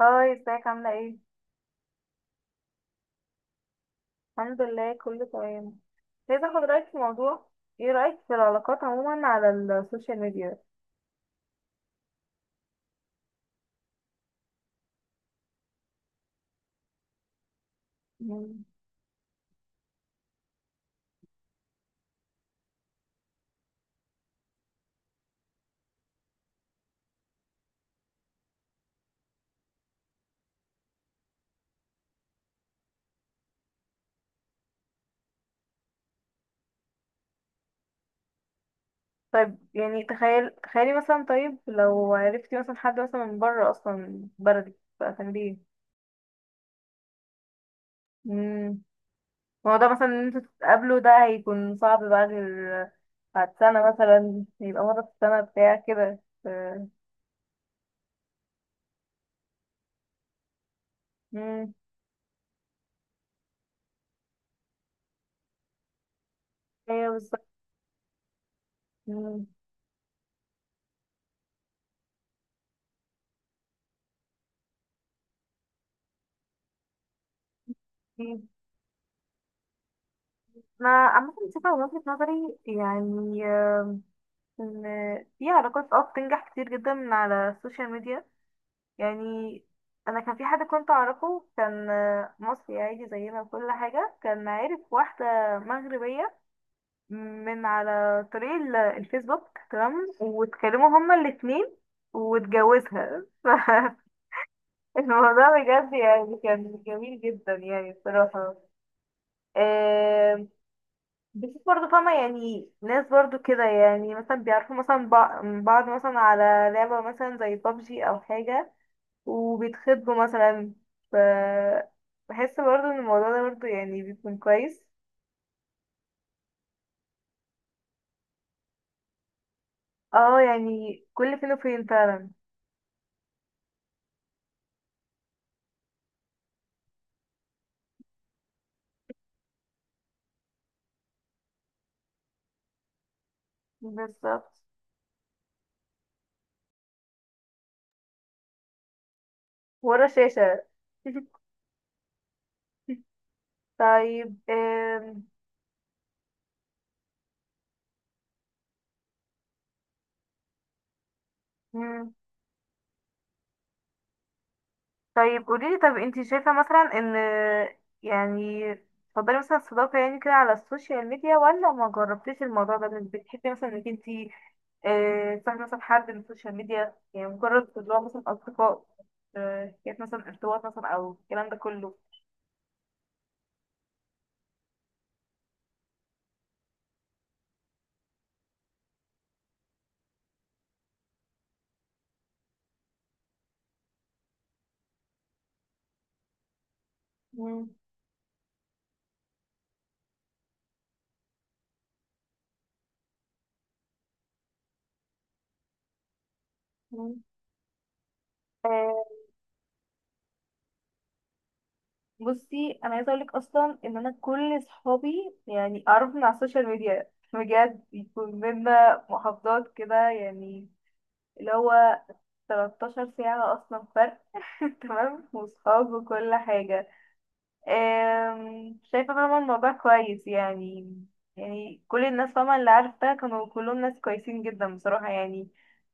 هاي ازيك عاملة ايه؟ الحمد لله كله تمام. عايزة اخد رأيك في موضوع. ايه رأيك في العلاقات عموما على السوشيال ميديا؟ مم. طيب يعني تخيلي مثلا، طيب لو عرفتي مثلا حد مثلا من بره اصلا بلدك بقى كان بيه. مم. الموضوع مثلا ان انتوا تتقابلوا ده هيكون صعب بقى، غير بعد سنة مثلا، يبقى مرة في السنة بتاع كده مم. ايوه بالظبط. مم. انا عامة شايفة من وجهة نظري يعني ان في علاقات اه بتنجح كتير جدا من على السوشيال ميديا. يعني انا كان في حد كنت اعرفه، كان مصري عادي زينا وكل حاجه، كان عارف واحده مغربيه من على طريق الفيسبوك، تمام، واتكلموا هما الاتنين واتجوزها فالموضوع بجد يعني كان جميل جدا يعني بصراحه. آه، بشوف برضه فاهمة، يعني ناس برضه كده، يعني مثلا بيعرفوا مثلا بعض مثلا على لعبة مثلا زي بابجي أو حاجة، وبيتخطبوا مثلا. ف بحس برضه إن الموضوع ده برضه يعني بيكون كويس. اه يعني كل فين وفين فعلا. بالظبط، ورا شاشة طيب مم، طيب قوليلي. طب انتي شايفة مثلا ان، يعني، تفضلي مثلا الصداقة يعني كده على السوشيال ميديا، ولا ما جربتيش الموضوع ده انك بتحبي مثلا انك انتي تصاحبي مثلا حد من السوشيال ميديا؟ يعني مجرد اللي هو مثلا أصدقاء، كانت مثلا ارتباط مثلا، أو الكلام ده كله. مم. مم. آه، بصي أنا عايزة أقولك أصلا إن أنا كل صحابي يعني أعرف من على السوشيال ميديا، بجد بيكون بينا محافظات كده، يعني اللي هو 13 ساعة أصلا فرق تمام، وصحاب وكل حاجة. شايفة طبعا الموضوع كويس يعني، يعني كل الناس طبعا اللي عرفتها كانوا كلهم ناس كويسين جدا بصراحة يعني،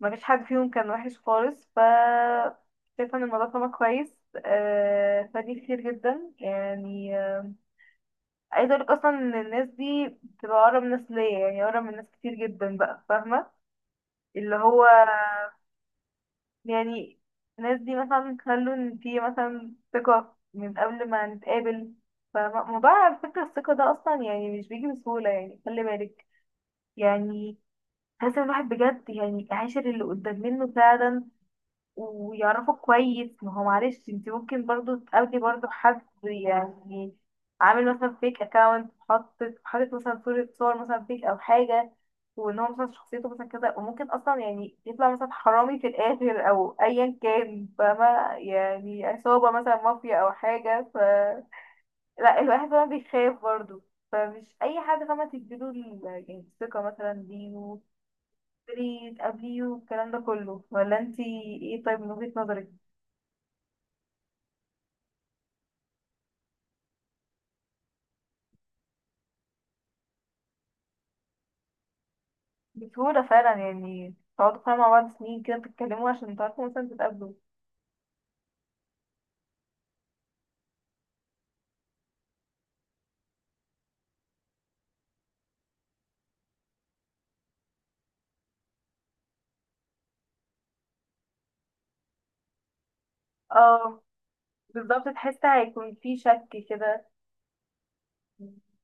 ما فيش حد فيهم كان وحش خالص. شايفة ان الموضوع طبعا كويس. فدي كتير جدا يعني. عايزة اقولك اصلا ان الناس دي بتبقى اقرب ناس ليا، يعني اقرب من ناس كتير جدا بقى، فاهمة؟ اللي هو يعني الناس دي مثلا خلوا ان في مثلا ثقة من قبل ما نتقابل. فموضوع على فكرة الثقة ده أصلا يعني مش بيجي بسهولة، يعني خلي بالك، يعني لازم الواحد بجد يعني يعاشر اللي قدام منه فعلا ويعرفوا كويس. ما هو معلش انت ممكن برضو تقابلي برضو حد يعني عامل مثلا فيك اكاونت، حاطط مثلا صورة، صور مثلا فيك او حاجة، وان هو مثلا شخصيته مثلا كذا، وممكن اصلا يعني يطلع مثلا حرامي في الاخر او ايا كان، فاهمة؟ يعني عصابة مثلا، مافيا او حاجة. لا الواحد طبعا بيخاف برضو. فمش اي حد فاهمة تديله يعني الثقة مثلا دي وتقولي تقابليه والكلام ده كله. ولا انتي ايه، طيب، من وجهة نظرك؟ بسهولة فعلا، يعني تقعدوا فعلا مع بعض سنين كده بتتكلموا عشان تعرفوا مثلا تتقابلوا. اه بالظبط، تحس هيكون في شك كده،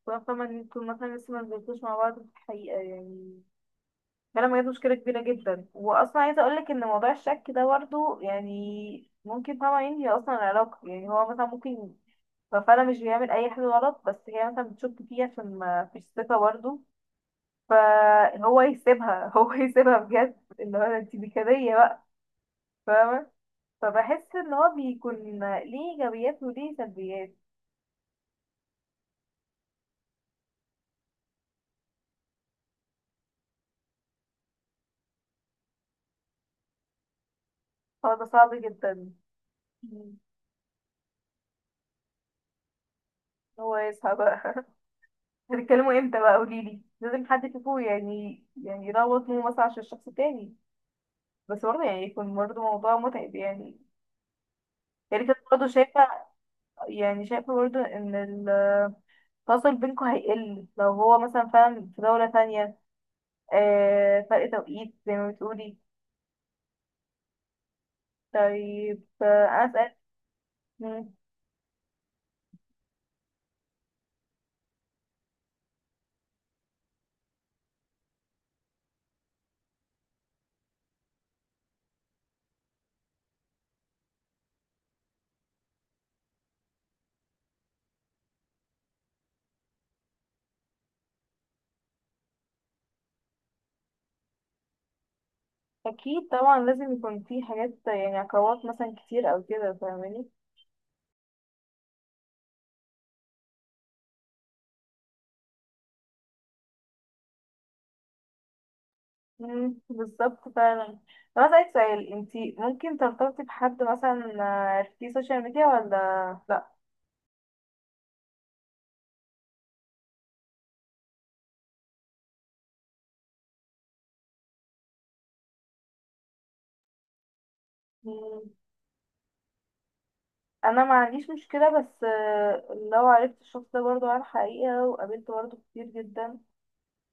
خاصة لما انتوا مثلا لسه ما نزلتوش مع بعض في الحقيقة يعني. فعلا بجد مشكلة كبيرة جدا، وأصلا عايزة أقولك إن موضوع الشك ده برضه يعني ممكن طبعا ينهي أصلا العلاقة، يعني هو مثلا ممكن ففعلا مش بيعمل أي حاجة غلط، بس هي مثلا بتشك فيه عشان ما فيش ثقة برضه. فهو يسيبها هو يسيبها بجد، اللي هو انتي دي كدية بقى، فاهمة؟ فبحس ان هو بيكون ليه ايجابيات وليه سلبيات. هو ده صعب جدا. مم. هو يصحى بقى هتتكلموا امتى بقى؟ قوليلي، لازم حد فيكم يعني يعني يروض مو مثلا عشان الشخص التاني، بس برضه يعني يكون برضه موضوع متعب يعني. يعني كانت برضه شايفة، يعني شايفة برضه ان التواصل بينكم هيقل لو هو مثلا فعلا في دولة تانية، آه، فرق توقيت زي ما بتقولي. طيب انا اسأل. اكيد طبعا لازم يكون في حاجات، يعني عقبات مثلا كتير او كده، فاهماني؟ مم، بالظبط فعلا. طب اسالك سؤال، انتي ممكن ترتبطي بحد مثلا في السوشيال ميديا ولا لا؟ مم، انا ما عنديش مشكله، بس لو عرفت الشخص ده برضه على الحقيقه وقابلته برضه كتير جدا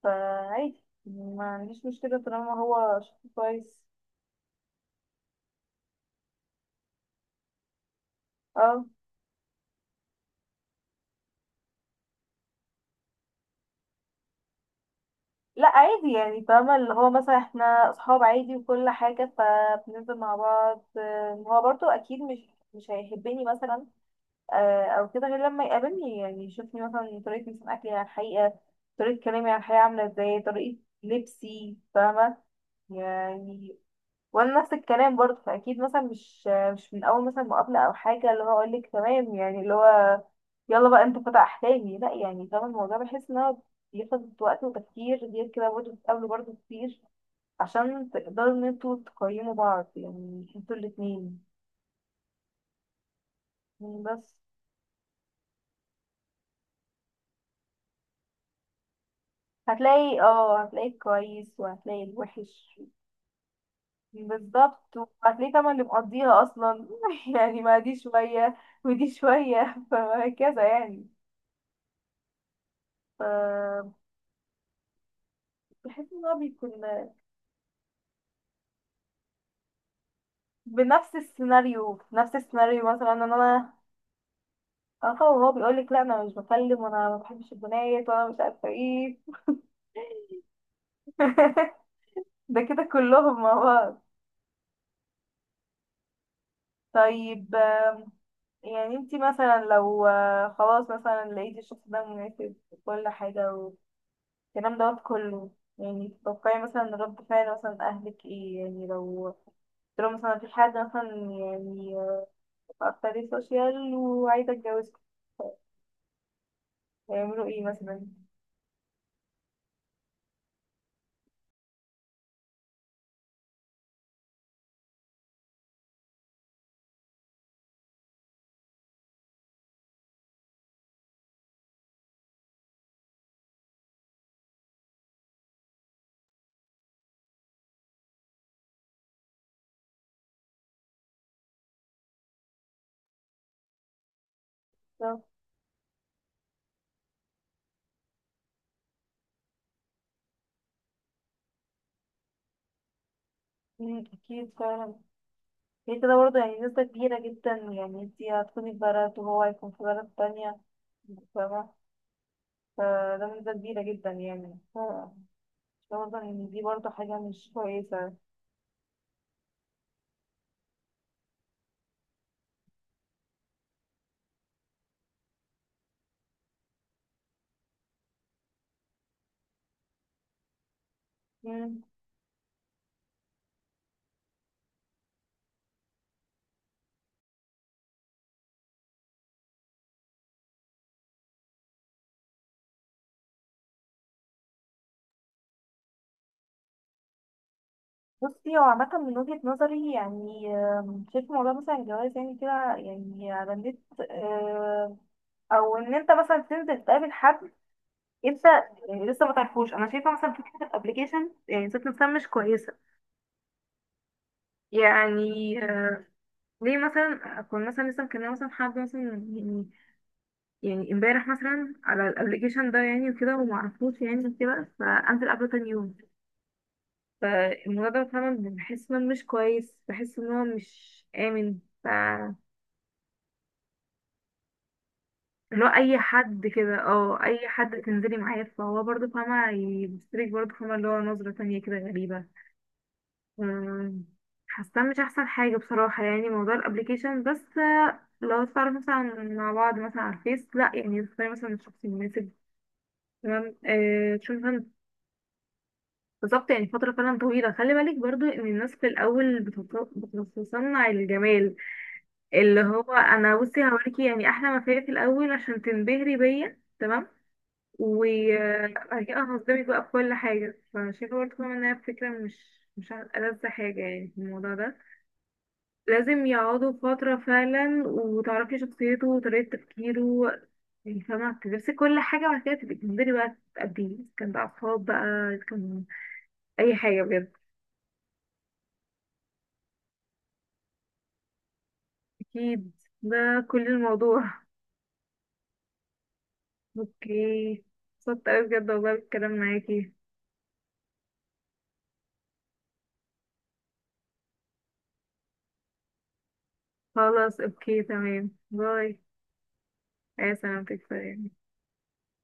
فعادي، ما عنديش مشكله طالما هو شخص كويس. اه لا عادي يعني فاهمة اللي هو مثلا احنا اصحاب عادي وكل حاجة، فبننزل مع بعض. هو برضو اكيد مش هيحبني مثلا او كده غير لما يقابلني، يعني يشوفني مثلا طريقة مثلا اكلي على الحقيقة، طريقة كلامي على الحقيقة عاملة ازاي، طريقة لبسي، فاهمة؟ يعني وانا نفس الكلام برضه، فاكيد مثلا مش من اول مثلا مقابله او حاجه اللي هو اقول لك تمام، يعني اللي هو يلا بقى انت فتح احلامي، لا يعني فاهم الموضوع. بحس ان هو بياخد وقت وتفكير، غير كده برضه بتقابلوا برضه كتير عشان تقدروا ان انتوا تقيموا بعض، يعني انتوا الاتنين. بس هتلاقي، اه هتلاقي الكويس وهتلاقي الوحش. بالظبط، وهتلاقي طبعا اللي مقضيها اصلا يعني ما دي شويه ودي شويه فهكذا يعني. بحس ان هو بيكون بنفس السيناريو، في نفس السيناريو مثلا ان انا، اه هو بيقول لك لا انا مش بكلم، وانا ما بحبش البنات، وانا مش عارفه ايه ده كده كلهم مع بعض. طيب يعني انتي مثلا لو خلاص مثلا لقيتي الشخص ده مناسب وكل حاجه والكلام دوت كله، يعني تتوقعي مثلا رد فعل مثلا اهلك ايه يعني؟ لو قلت لهم مثلا في حد مثلا يعني اكتر سوشيال وعايزه اتجوزك، هيعملوا ايه مثلا؟ مم، أكيد فعلا. هي كده برضه يعني نسبة كبيرة جدا، يعني انتي هتكوني في بلد وهو هيكون في بلد تانية، فاهمة؟ فده نسبة كبيرة جدا يعني برضه إن دي برضه حاجة مش كويسة. مم. بصي هو عامة من وجهة نظري يعني، شايف موضوع مثلا الجواز يعني كده، يعني على النت، آه، أو إن أنت مثلا تنزل تقابل حد، أنت يعني لسه ما تعرفوش. أنا شايفة مثلا فكرة الأبليكيشن يعني ذات نفسها مش كويسة، يعني ليه مثلا اكون مثلا لسه مكلمه مثلا حد مثلا يعني يعني امبارح مثلا على الابلكيشن ده يعني وكده، وما اعرفوش يعني وكده، فانزل قبله تاني يوم؟ فالموضوع ده فعلا بحس انه مش كويس، بحس ان هو مش امن. اللي هو اي حد كده، اه اي حد تنزلي معاه فهو برضه فاهمه يبصلك برضه فاهمه اللي هو نظره تانية كده غريبه. مم، حاسه مش احسن حاجه بصراحه يعني موضوع الابليكيشن. بس لو تعرف مثلا مع بعض مثلا على الفيس، لا يعني تختاري مثلا الشخص المناسب، تمام، آه تشوفي مثلا، بالظبط، يعني فتره فعلا طويله. خلي بالك برضو ان الناس في الاول بتتصنع الجمال، اللي هو انا بصي هوريكي يعني احلى ما فيا في الاول عشان تنبهري بيا، تمام، وبعد كده هصدمك بقى في كل حاجه. فشايفه برضه كمان انها فكره مش مش ألذ حاجه يعني في الموضوع ده. لازم يقعدوا فترة فعلا وتعرفي شخصيته وطريقة تفكيره، يعني فاهمة تدرسي كل حاجة، وبعد كده تبقي تنزلي بقى تقابليه، إذا كان بقى أصحاب بقى، إذا كان أي حاجة، بجد. أكيد ده كل الموضوع اوكي، اتبسطت أوي بجد والله بالكلام معاكي. خلاص اوكي تمام، باي. يا سلامتك، سلام.